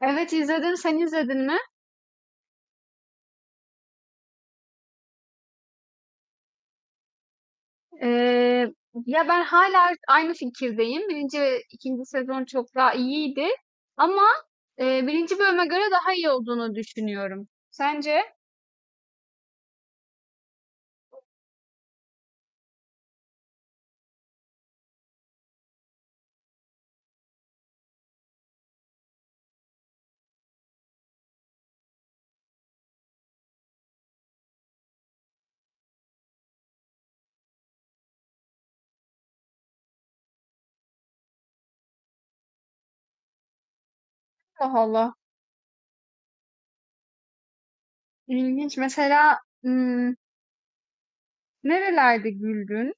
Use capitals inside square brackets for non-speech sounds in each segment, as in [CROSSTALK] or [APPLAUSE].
Evet izledim. Sen izledin mi? Ee, Ya ben hala aynı fikirdeyim. Birinci ve ikinci sezon çok daha iyiydi. Ama birinci bölüme göre daha iyi olduğunu düşünüyorum. Sence? Allah Allah. İlginç. Mesela nerelerde güldün?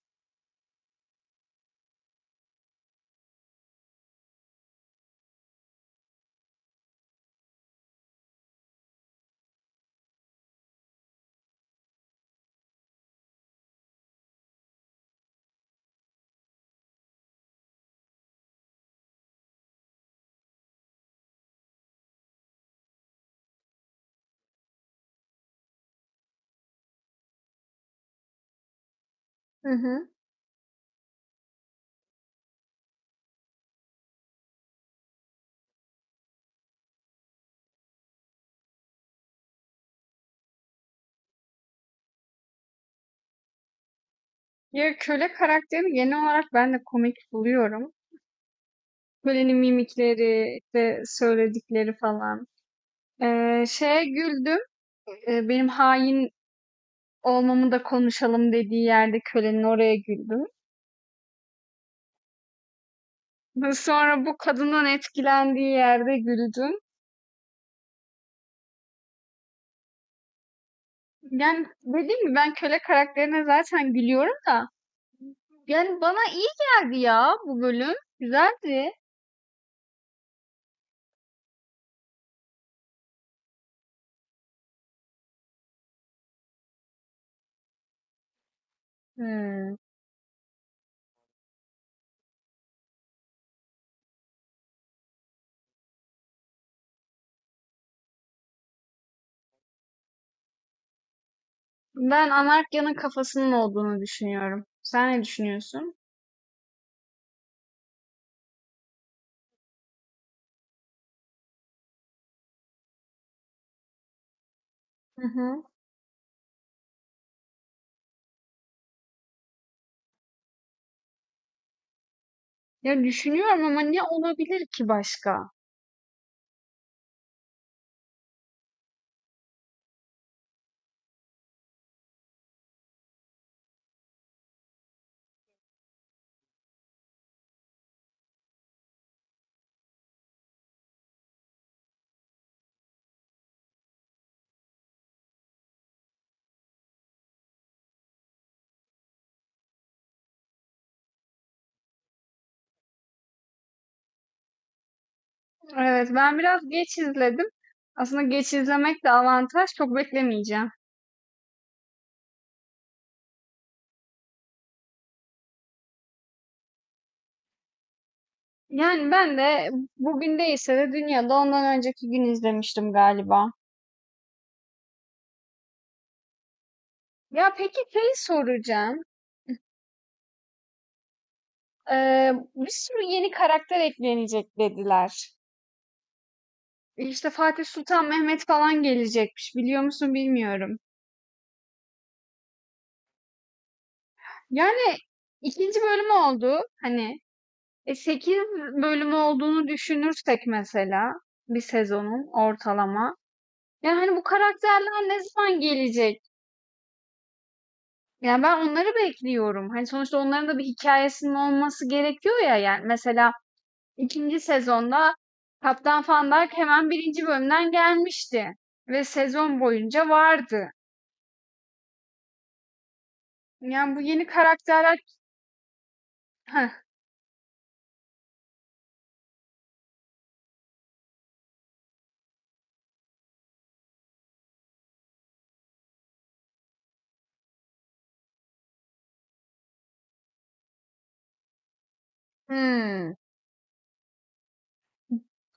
Hı hı. Ya köle karakterini genel olarak ben de komik buluyorum. Kölenin mimikleri, işte söyledikleri falan. Şeye güldüm. Benim hain olmamı da konuşalım dediği yerde kölenin oraya güldüm. Sonra bu kadından etkilendiği yerde güldüm. Yani dediğim gibi ben köle karakterine zaten gülüyorum da. Yani bana iyi geldi ya bu bölüm. Güzeldi. Hmm. Ben Anarkya'nın kafasının olduğunu düşünüyorum. Sen ne düşünüyorsun? Hı hı. Ya düşünüyorum ama ne olabilir ki başka? Evet, ben biraz geç izledim. Aslında geç izlemek de avantaj. Çok beklemeyeceğim. Yani ben de bugün değilse de dünyada ondan önceki gün izlemiştim galiba. Ya peki şey soracağım. Bir sürü yeni karakter eklenecek dediler. İşte Fatih Sultan Mehmet falan gelecekmiş. Biliyor musun bilmiyorum. Yani ikinci bölüm oldu. Hani 8 bölümü olduğunu düşünürsek mesela bir sezonun ortalama. Yani hani bu karakterler ne zaman gelecek? Yani ben onları bekliyorum. Hani sonuçta onların da bir hikayesinin olması gerekiyor ya. Yani mesela ikinci sezonda Kaptan Fandak hemen birinci bölümden gelmişti. Ve sezon boyunca vardı. Yani bu yeni karakterler... Heh, hmm.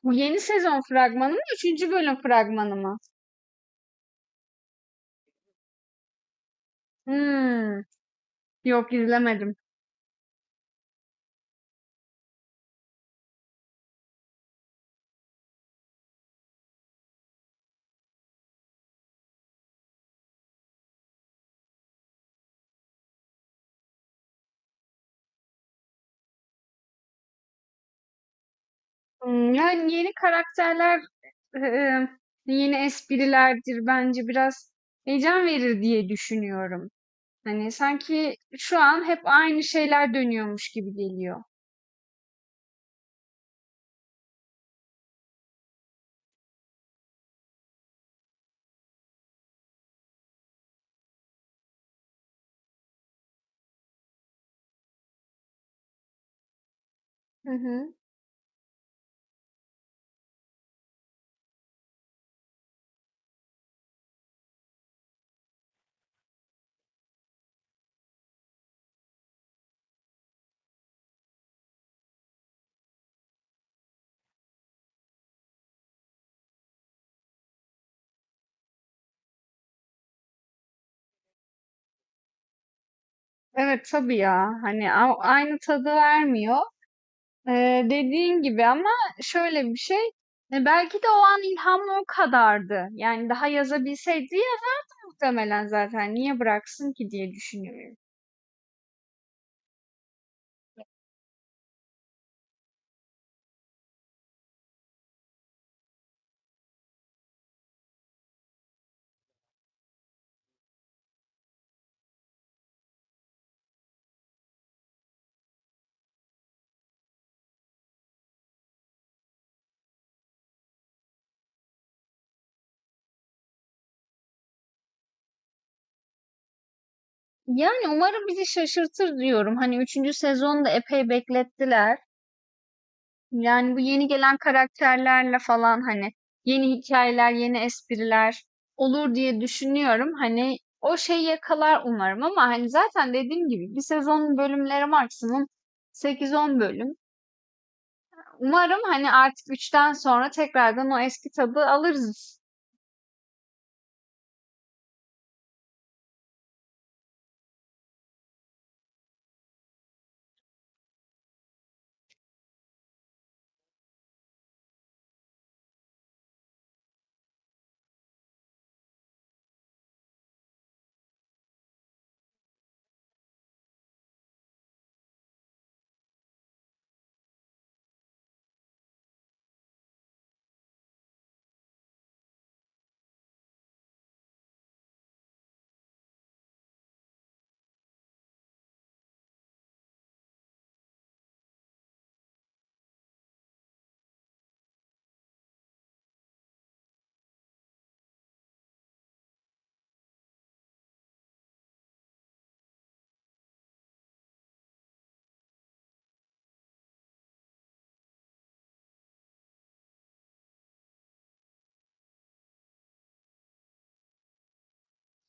Bu yeni sezon fragmanı mı? Üçüncü bölüm fragmanı mı? Hmm. Yok izlemedim. Hmm, yani yeni karakterler e, e, yeni esprilerdir bence biraz heyecan verir diye düşünüyorum. Hani sanki şu an hep aynı şeyler dönüyormuş gibi geliyor. Hı hı. Evet tabii ya. Hani aynı tadı vermiyor. Dediğin gibi ama şöyle bir şey. Belki de o an ilham o kadardı. Yani daha yazabilseydi yazar muhtemelen zaten. Niye bıraksın ki diye düşünüyorum. Yani umarım bizi şaşırtır diyorum. Hani üçüncü sezonu da epey beklettiler. Yani bu yeni gelen karakterlerle falan hani yeni hikayeler, yeni espriler olur diye düşünüyorum. Hani o şeyi yakalar umarım ama hani zaten dediğim gibi bir sezonun bölümleri maksimum sekiz on bölüm. Umarım hani artık üçten sonra tekrardan o eski tadı alırız.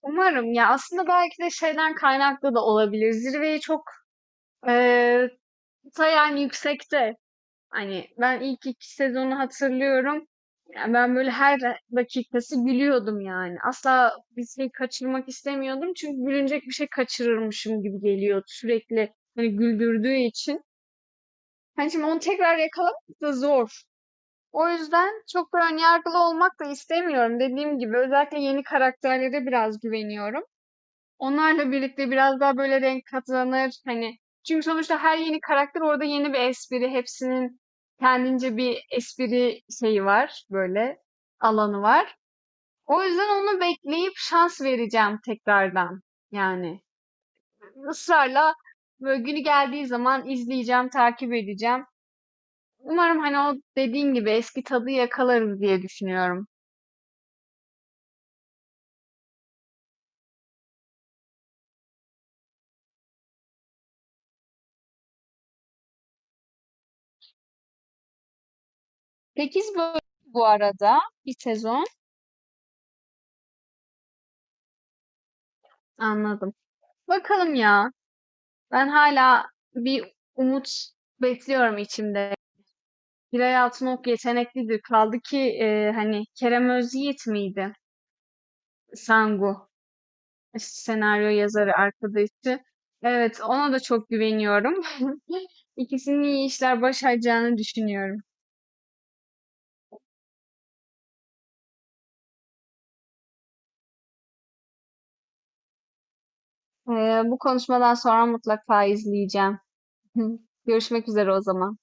Umarım ya aslında belki de şeyden kaynaklı da olabilir. Zirveyi çok eee, ta yani yüksekte. Hani, ben ilk 2 sezonu hatırlıyorum. Yani ben böyle her dakikası gülüyordum yani. Asla bir şey kaçırmak istemiyordum çünkü gülünecek bir şey kaçırırmışım gibi geliyordu sürekli, hani, güldürdüğü için. Hani, şimdi onu tekrar yakalamak da zor. O yüzden çok da ön yargılı olmak da istemiyorum. Dediğim gibi özellikle yeni karakterlere biraz güveniyorum. Onlarla birlikte biraz daha böyle renk katlanır. Hani çünkü sonuçta her yeni karakter orada yeni bir espri. Hepsinin kendince bir espri şeyi var. Böyle alanı var. O yüzden onu bekleyip şans vereceğim tekrardan. Yani ısrarla böyle günü geldiği zaman izleyeceğim, takip edeceğim. Umarım hani o dediğin gibi eski tadı yakalarız diye düşünüyorum. 8 bölüm bu arada bir sezon. Anladım. Bakalım ya. Ben hala bir umut bekliyorum içimde. Hilal Altınok yeteneklidir. Kaldı ki hani Kerem Özyiğit miydi? Sangu senaryo yazarı arkadaşı. Evet, ona da çok güveniyorum. [LAUGHS] İkisinin iyi işler başaracağını düşünüyorum. E, Bu konuşmadan sonra mutlaka izleyeceğim. [LAUGHS] Görüşmek üzere o zaman.